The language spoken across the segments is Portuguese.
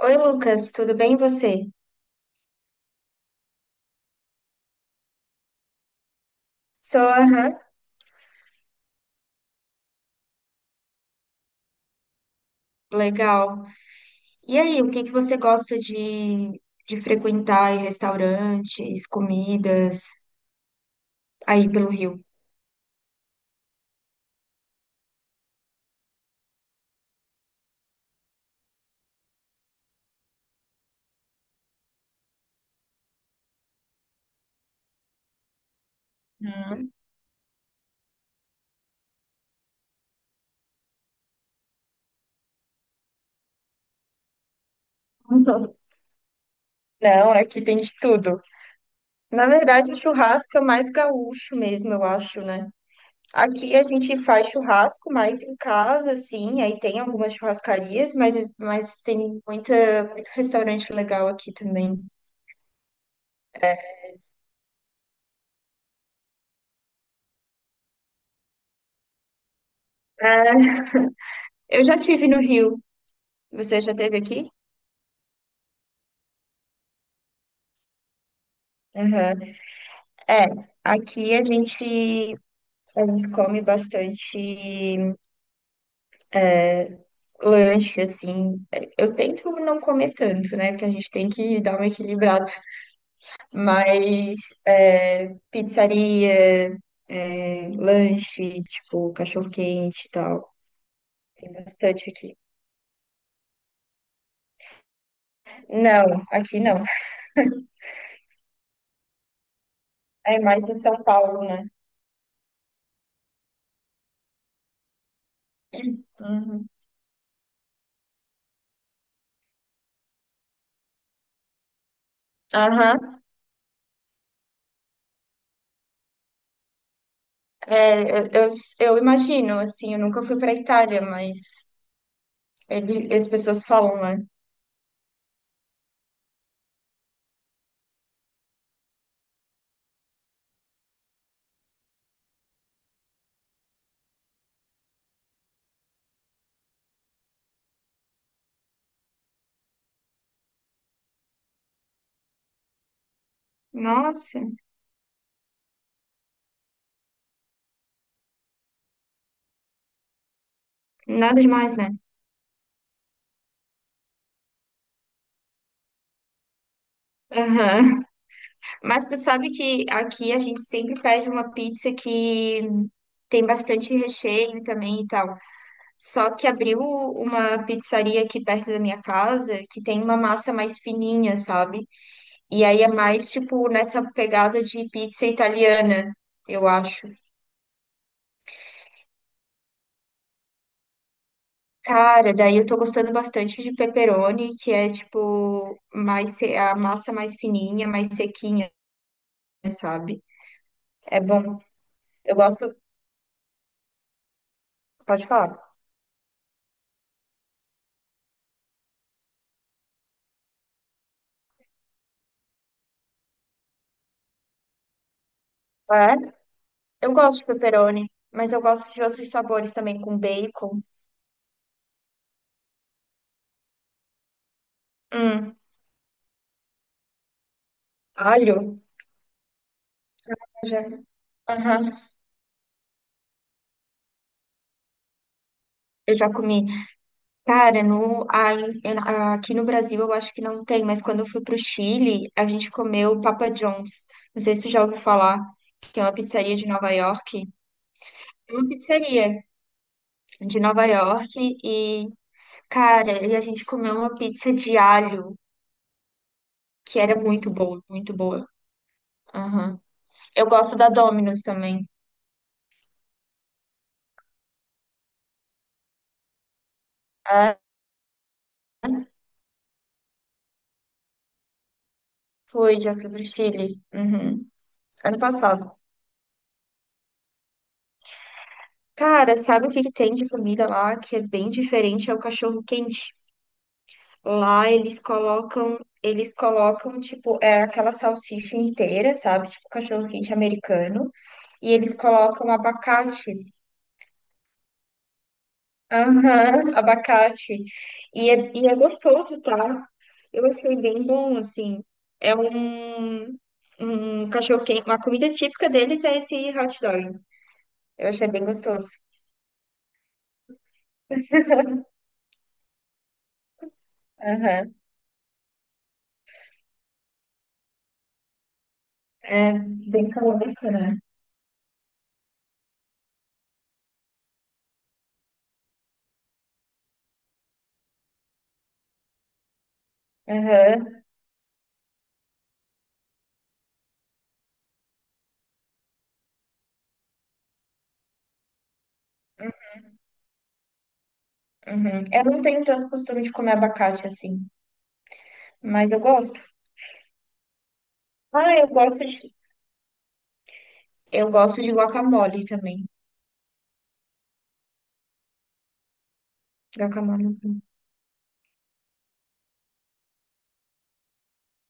Oi, Lucas, tudo bem e você? Sou, aham. Legal. E aí, o que que você gosta de frequentar em restaurantes, comidas, aí pelo Rio? Hum. Não, aqui tem de tudo. Na verdade, o churrasco é mais gaúcho mesmo, eu acho, né? Aqui a gente faz churrasco mais em casa, assim, aí tem algumas churrascarias, mas tem muita, muito restaurante legal aqui também. Ah, eu já tive no Rio. Você já teve aqui? Aham. É, aqui a gente come bastante lanche, assim. Eu tento não comer tanto, né? Porque a gente tem que dar uma equilibrada. Mas é, pizzaria, é, lanche, tipo, cachorro-quente e tal. Tem bastante aqui. Não, aqui não. É mais em São Paulo, né? Uhum. Aham. É, eu imagino, assim, eu nunca fui pra Itália, mas ele, as pessoas falam, né? Nossa. Nada demais, né? Aham. Mas tu sabe que aqui a gente sempre pede uma pizza que tem bastante recheio também e tal. Só que abriu uma pizzaria aqui perto da minha casa que tem uma massa mais fininha, sabe? E aí é mais tipo nessa pegada de pizza italiana, eu acho. Cara, daí eu tô gostando bastante de pepperoni, que é tipo mais se- a massa mais fininha, mais sequinha, sabe? É bom. Eu gosto. Pode falar. É? Eu gosto de pepperoni, mas eu gosto de outros sabores também, com bacon. Hum, alho. Eu Já, aham, eu já comi. Cara, aqui no Brasil eu acho que não tem, mas quando eu fui pro Chile, a gente comeu Papa John's. Não sei se tu já ouviu falar, que é uma pizzaria de Nova York. É uma pizzaria de Nova York e, cara, e a gente comeu uma pizza de alho, que era muito boa, muito boa. Aham. Eu gosto da Domino's também. É. Foi, já fui pro Chile. Uhum. Ano passado. Cara, sabe o que que tem de comida lá que é bem diferente? É o cachorro quente. Lá eles colocam, tipo, é aquela salsicha inteira, sabe? Tipo, cachorro quente americano. E eles colocam abacate. Aham, abacate. E é gostoso, tá? Eu achei bem bom, assim. É um, um cachorro quente. Uma comida típica deles é esse hot dog. Eu achei bem gostoso. Aham, é bem calórico, né? Aham, uhum. Eu não tenho tanto costume de comer abacate assim, mas eu gosto. Ah, eu gosto de guacamole também. Guacamole é bom.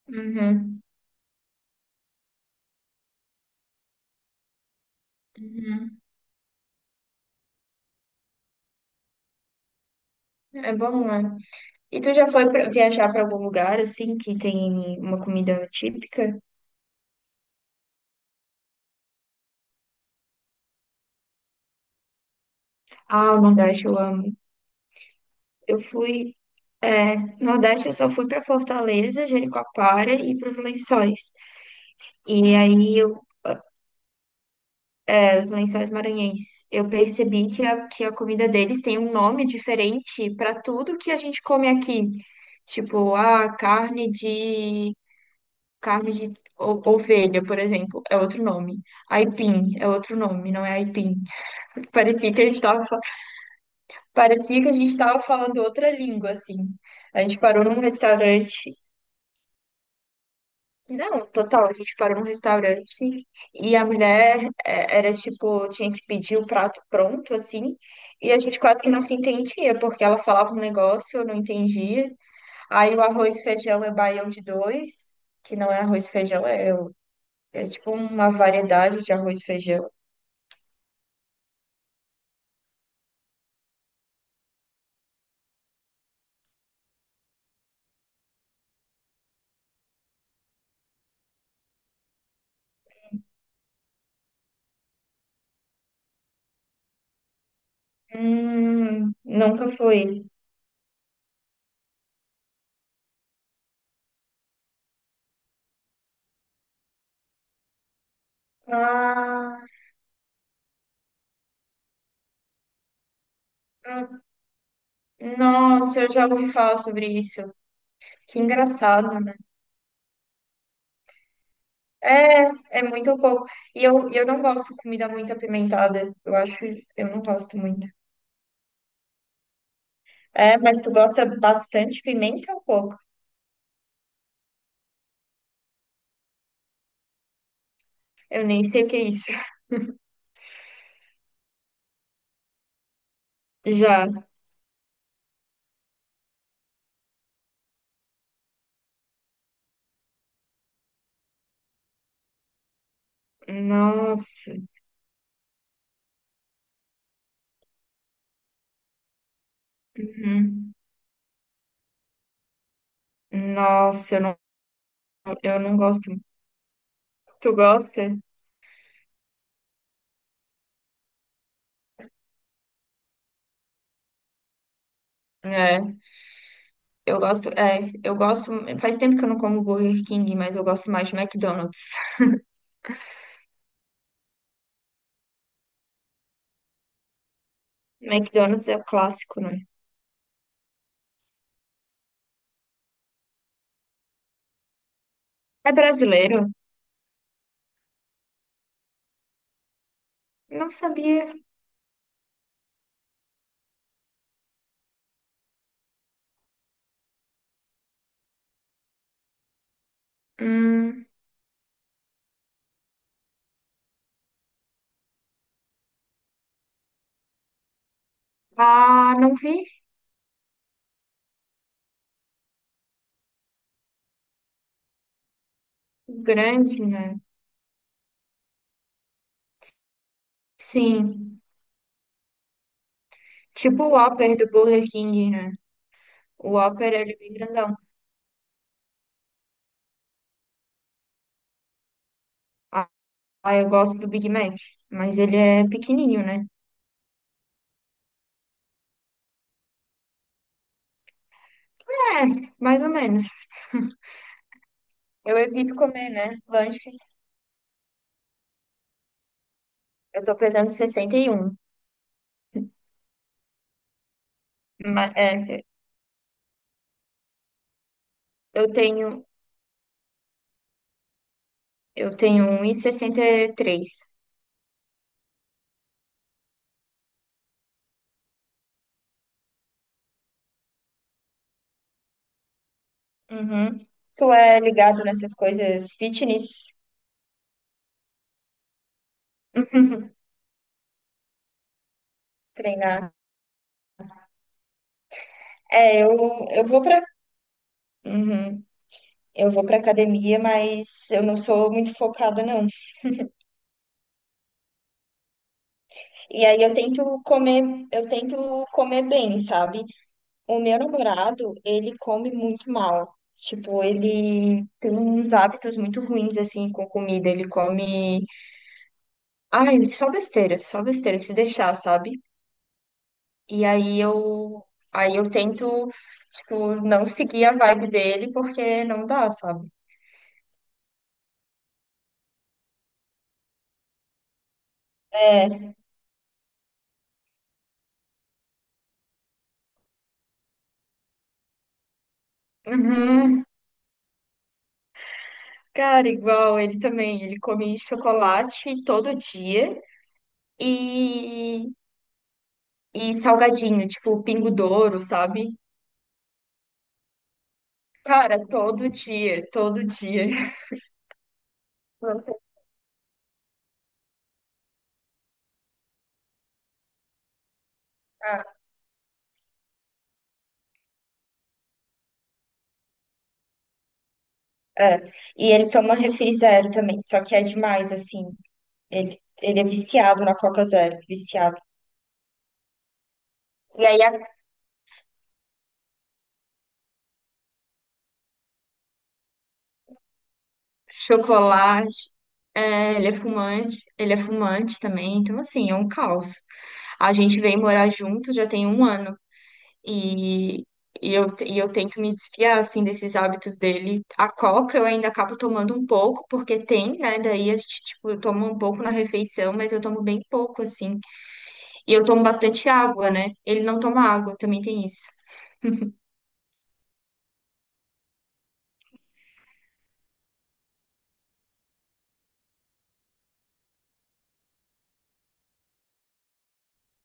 Uhum. Uhum. É bom, né? E tu já foi pra, viajar para algum lugar assim que tem uma comida típica? Ah, o Nordeste eu amo. Eu fui, é, Nordeste eu só fui para Fortaleza, Jericoacoara e para os Lençóis. E aí eu, os lençóis maranhenses. Eu percebi que que a comida deles tem um nome diferente para tudo que a gente come aqui. Tipo, a carne de o- ovelha, por exemplo, é outro nome. Aipim é outro nome, não é aipim. Parecia que a gente estava parecia que a gente estava falando outra língua assim. A gente parou num restaurante Não, total, a gente parou num restaurante e a mulher é, era tipo, tinha que pedir o prato pronto, assim, e a gente quase que não se entendia, porque ela falava um negócio, eu não entendia. Aí o arroz e feijão é baião de dois, que não é arroz e feijão, é tipo uma variedade de arroz e feijão. Nunca fui. Ah, hum, nossa, eu já ouvi falar sobre isso. Que engraçado. É, é muito pouco. E eu não gosto de comida muito apimentada. Eu acho, eu não gosto muito. É, mas tu gosta bastante pimenta ou pouco? Eu nem sei o que é isso. Já. Nossa. Uhum. Nossa, eu não gosto. Tu gosta? É. Eu gosto, é, eu gosto. Faz tempo que eu não como Burger King, mas eu gosto mais de McDonald's. McDonald's é o clássico, né? É brasileiro? Não sabia. Hum. Ah, não vi. Grande, né? Sim, tipo o Whopper do Burger King, né? O Whopper, ele é bem grandão. Ah, eu gosto do Big Mac, mas ele é pequenininho, né? É, mais ou menos. Eu evito comer, né? Lanche. Eu tô pesando 61. Mas, é, eu tenho, eu tenho 1,63. Uhum. Tu é ligado nessas coisas fitness? Treinar. É, eu, eu vou pra, Uhum. Eu vou pra academia, mas eu não sou muito focada, não. E aí eu tento comer bem, sabe? O meu namorado, ele come muito mal. Tipo, ele tem uns hábitos muito ruins assim com comida. Ele come, ai, só besteira, se deixar, sabe? E aí eu, aí eu tento, tipo, não seguir a vibe dele porque não dá, sabe? É. Uhum. Cara, igual ele também, ele come chocolate todo dia. E e salgadinho, tipo Pingo Douro, sabe? Cara, todo dia, todo dia. Você tá- é. E ele toma refri zero também, só que é demais, assim. Ele é viciado na Coca Zero, viciado. E aí, a... chocolate. É, ele é fumante também, então assim, é um caos. A gente veio morar junto já tem 1 ano. E, e eu tento me desfiar, assim, desses hábitos dele. A coca eu ainda acabo tomando um pouco, porque tem, né? Daí a gente, tipo, eu tomo um pouco na refeição, mas eu tomo bem pouco, assim. E eu tomo bastante água, né? Ele não toma água, também tem isso.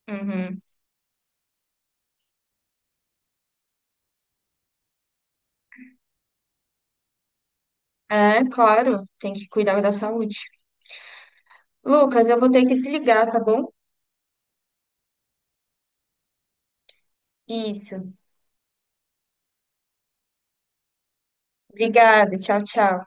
Uhum. É, claro, tem que cuidar da saúde. Lucas, eu vou ter que desligar, tá bom? Isso. Obrigada, tchau, tchau.